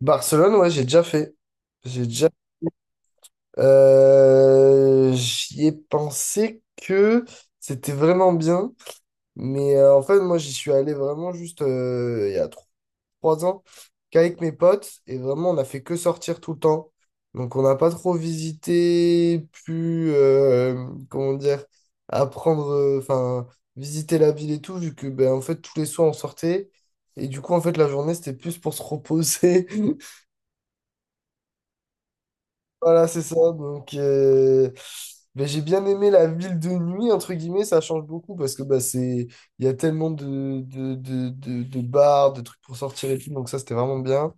Barcelone, ouais, j'ai déjà fait. J'ai déjà. J'y ai pensé que c'était vraiment bien, mais en fait, moi, j'y suis allé vraiment juste il y a 3 ans qu'avec mes potes, et vraiment, on a fait que sortir tout le temps. Donc, on n'a pas trop visité, comment dire, apprendre, enfin, visiter la ville et tout, vu que, ben, en fait, tous les soirs, on sortait. Et du coup, en fait, la journée, c'était plus pour se reposer. Voilà, c'est ça. Donc, ben, j'ai bien aimé la ville de nuit, entre guillemets, ça change beaucoup parce que bah, il y a tellement de bars, de trucs pour sortir et tout, donc ça, c'était vraiment bien.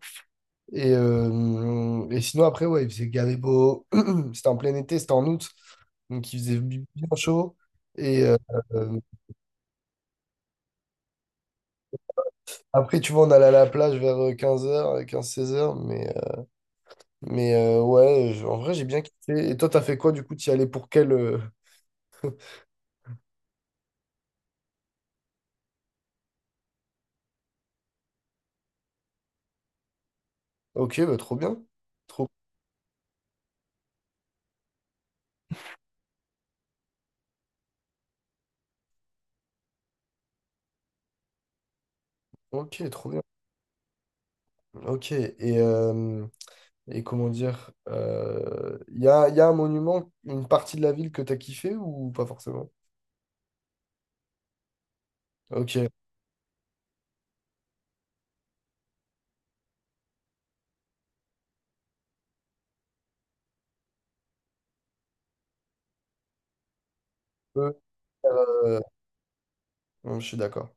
Et sinon, après, ouais, il faisait gavé beau. C'était en plein été, c'était en août, donc il faisait bien chaud. Et euh, après, tu vois, on allait à la plage vers 15h 15-16h mais ouais, en vrai, j'ai bien kiffé. Et toi, t'as fait quoi du coup? T'y allais pour quel. Ok, bah, trop bien. Trop Ok, trop bien. Ok, et comment dire, y a un monument, une partie de la ville que t'as kiffé ou pas forcément? Ok, euh, non, je suis d'accord.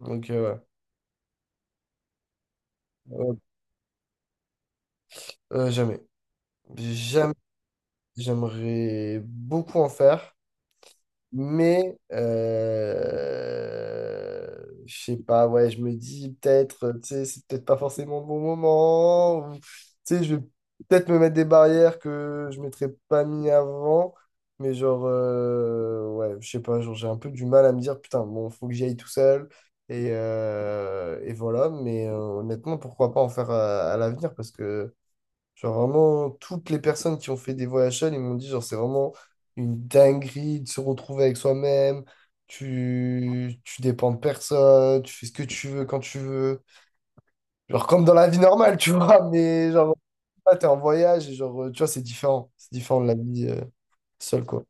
Donc, ouais. Jamais. Jamais. J'aimerais beaucoup en faire. Mais je sais pas, ouais, je me dis peut-être, tu sais, c'est peut-être pas forcément le bon moment. Ou, tu sais, je vais peut-être me mettre des barrières que je m'étais pas mis avant. Mais genre, ouais, je sais pas, genre, j'ai un peu du mal à me dire, putain, bon, faut que j'y aille tout seul. Et voilà, mais honnêtement, pourquoi pas en faire à l'avenir parce que. Genre vraiment, toutes les personnes qui ont fait des voyages seules, ils m'ont dit, genre, c'est vraiment une dinguerie de se retrouver avec soi-même. Tu dépends de personne, tu fais ce que tu veux quand tu veux. Genre comme dans la vie normale, tu vois, mais genre, là, t'es en voyage et genre, tu vois, c'est différent. C'est différent de la vie seule, quoi.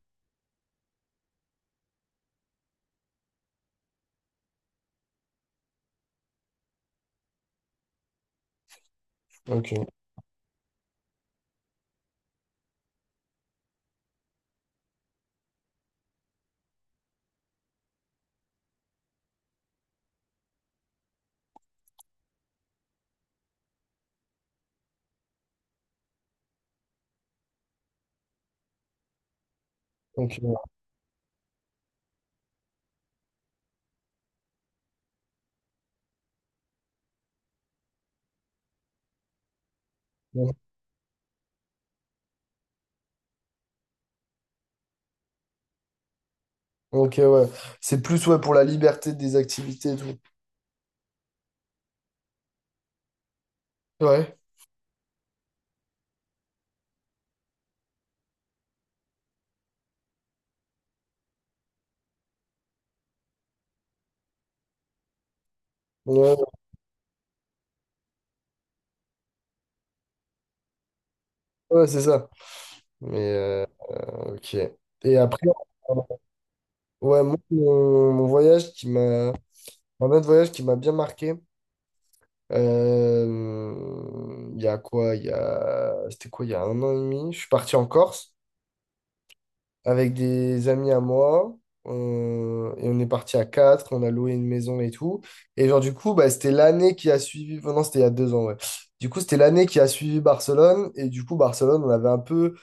Ok, ok, ouais. Ok, ouais. C'est plus, ouais, pour la liberté des activités et tout. Ouais, ouais, ouais, c'est ça. Mais, ok. Et après, ouais, moi, mon voyage qui m'a. Un autre voyage qui m'a bien marqué. Il y a quoi? Il y a. C'était quoi? Il y a un an et demi. Je suis parti en Corse avec des amis à moi. Et on est parti à quatre. On a loué une maison et tout. Et genre, du coup, bah, c'était l'année qui a suivi. Non, c'était il y a 2 ans, ouais. Du coup, c'était l'année qui a suivi Barcelone. Et du coup, Barcelone, on avait un peu.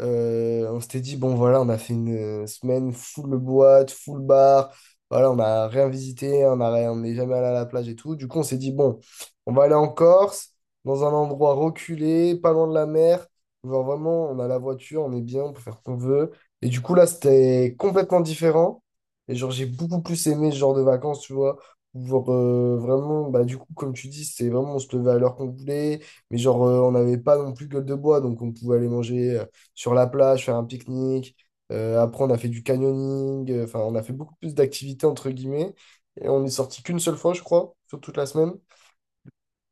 On s'était dit, bon, voilà, on a fait une semaine full boîte, full bar. Voilà, on a rien visité, on a, rien- on n'est jamais allé à la plage et tout. Du coup, on s'est dit, bon, on va aller en Corse, dans un endroit reculé, pas loin de la mer. Genre vraiment, on a la voiture, on est bien, on peut faire ce qu'on veut. Et du coup, là, c'était complètement différent. Et genre, j'ai beaucoup plus aimé ce genre de vacances, tu vois. Genre, vraiment, bah, du coup, comme tu dis, c'est vraiment, on se levait à l'heure qu'on voulait. Mais genre, on n'avait pas non plus gueule de bois, donc on pouvait aller manger sur la plage, faire un pique-nique. Après, on a fait du canyoning. Enfin, on a fait beaucoup plus d'activités, entre guillemets. Et on est sorti qu'une seule fois, je crois, sur toute la semaine.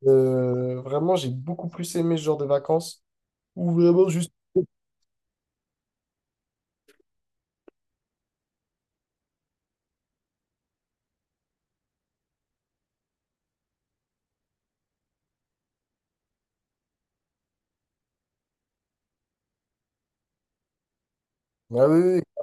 Vraiment, j'ai beaucoup plus aimé ce genre de vacances. Ou vraiment juste. Ah oui, oui. Oui.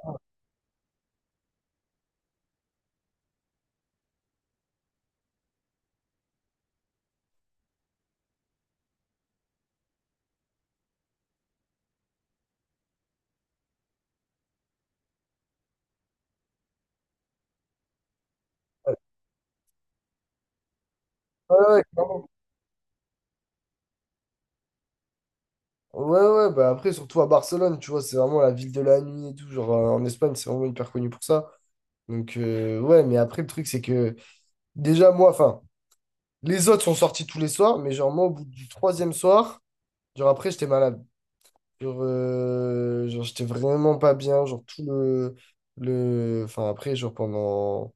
Ouais, ouais, clairement. Ouais, ouais, bah après, surtout à Barcelone, tu vois, c'est vraiment la ville de la nuit et tout. Genre, en Espagne, c'est vraiment hyper connu pour ça. Donc, ouais, mais après, le truc, c'est que déjà, moi, enfin, les autres sont sortis tous les soirs, mais genre, moi, au bout du troisième soir, genre, après, j'étais malade. Genre, j'étais vraiment pas bien. Genre, tout le. Enfin, après, genre, pendant.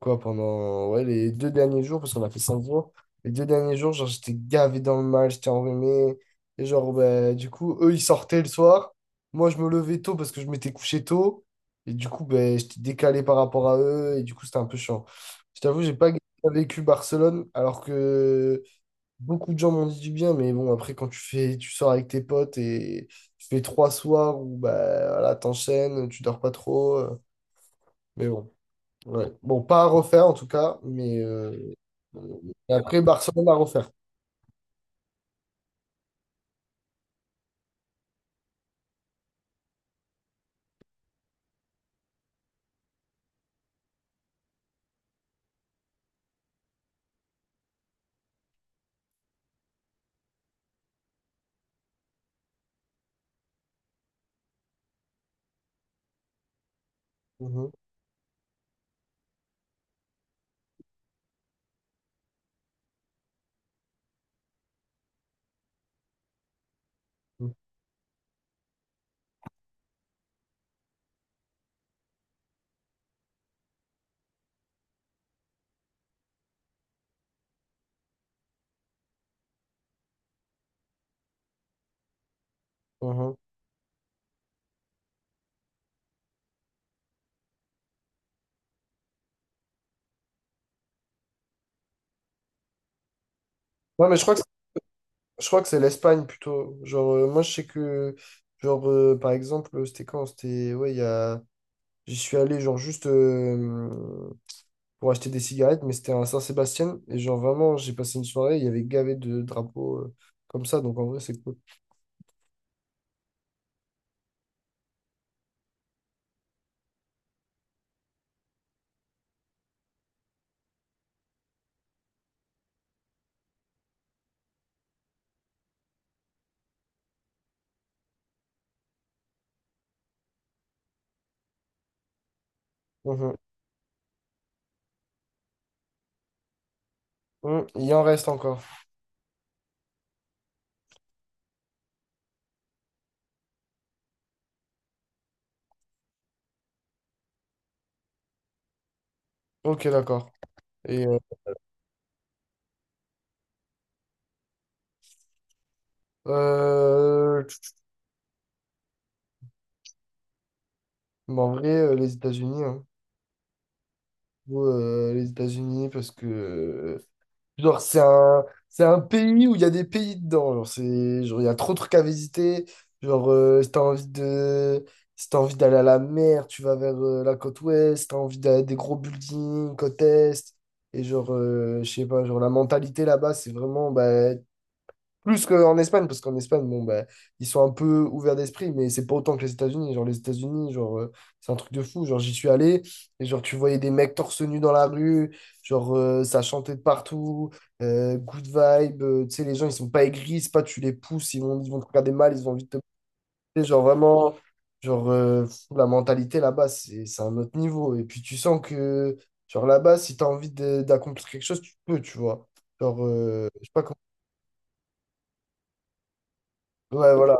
Quoi, pendant. Ouais, les 2 derniers jours, parce qu'on a fait 5 jours. Les 2 derniers jours, genre, j'étais gavé dans le mal, j'étais enrhumé. Et genre, bah, du coup, eux, ils sortaient le soir. Moi, je me levais tôt parce que je m'étais couché tôt. Et du coup, ben j'étais décalé par rapport à eux. Et du coup, c'était un peu chiant. Je t'avoue, j'ai pas vécu Barcelone alors que. Beaucoup de gens m'ont dit du bien, mais bon, après, quand tu fais, tu sors avec tes potes et tu fais 3 soirs où bah, voilà, t'enchaînes, tu dors pas trop. Mais bon, ouais. Bon, pas à refaire en tout cas, et après, Barcelone à refaire. Mhm, mhm, mhm. Ouais, mais je crois que c'est l'Espagne plutôt. Genre, moi, je sais que, genre, par exemple, c'était quand? C'était, ouais, il y a, j'y suis allé, genre, juste. Pour acheter des cigarettes, mais c'était à Saint-Sébastien. Et genre, vraiment, j'ai passé une soirée, il y avait gavé de drapeaux comme ça. Donc, en vrai, c'est cool. Mhm. Mhm. Il en reste encore. Ok, d'accord. Et euh, tch, mais en vrai, les États-Unis, hein. Ou, les États-Unis parce que genre c'est un pays où il y a des pays dedans. Genre c'est genre il y a trop de trucs à visiter. Genre si t'as envie d'aller à la mer, tu vas vers la côte ouest. Si t'as envie d'aller à des gros buildings, côte est. Et genre je sais pas, genre la mentalité là-bas c'est vraiment, bah, plus qu'en Espagne, parce qu'en Espagne, bon, bah, ils sont un peu ouverts d'esprit, mais c'est pas autant que les États-Unis. Genre, les États-Unis, genre, c'est un truc de fou. Genre, j'y suis allé, et genre, tu voyais des mecs torse nu dans la rue, genre, ça chantait de partout, good vibe, tu sais, les gens, ils sont pas aigris, c'est pas tu les pousses, ils vont te regarder mal, ils ont envie de te pousser. Genre, vraiment, genre, fou, la mentalité là-bas, c'est un autre niveau. Et puis, tu sens que, genre, là-bas, si t'as envie d'accomplir quelque chose, tu peux, tu vois. Genre, je sais pas comment. Ouais, voilà.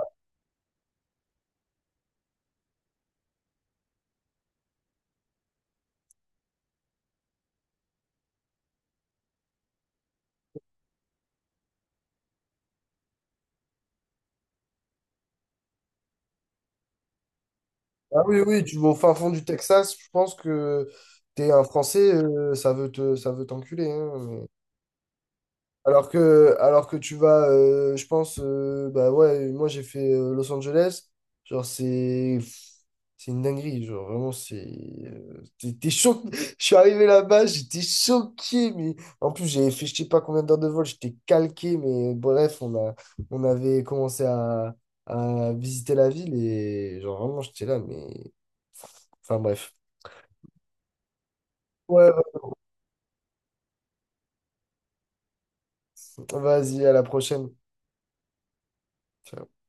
Ah oui, oui, tu vas au fin fond du Texas, je pense que t'es un Français, ça veut t'enculer, hein, alors que tu vas, je pense, bah ouais, moi j'ai fait Los Angeles, genre c'est une dinguerie, genre vraiment euh, t'es, t'es cho- Je suis arrivé là-bas, j'étais choqué, mais en plus j'avais fait je sais pas combien d'heures de vol, j'étais calqué, mais bref, on avait commencé à visiter la ville et genre vraiment j'étais là, mais enfin bref. Ouais, ouais, vas-y, à la prochaine. Ciao.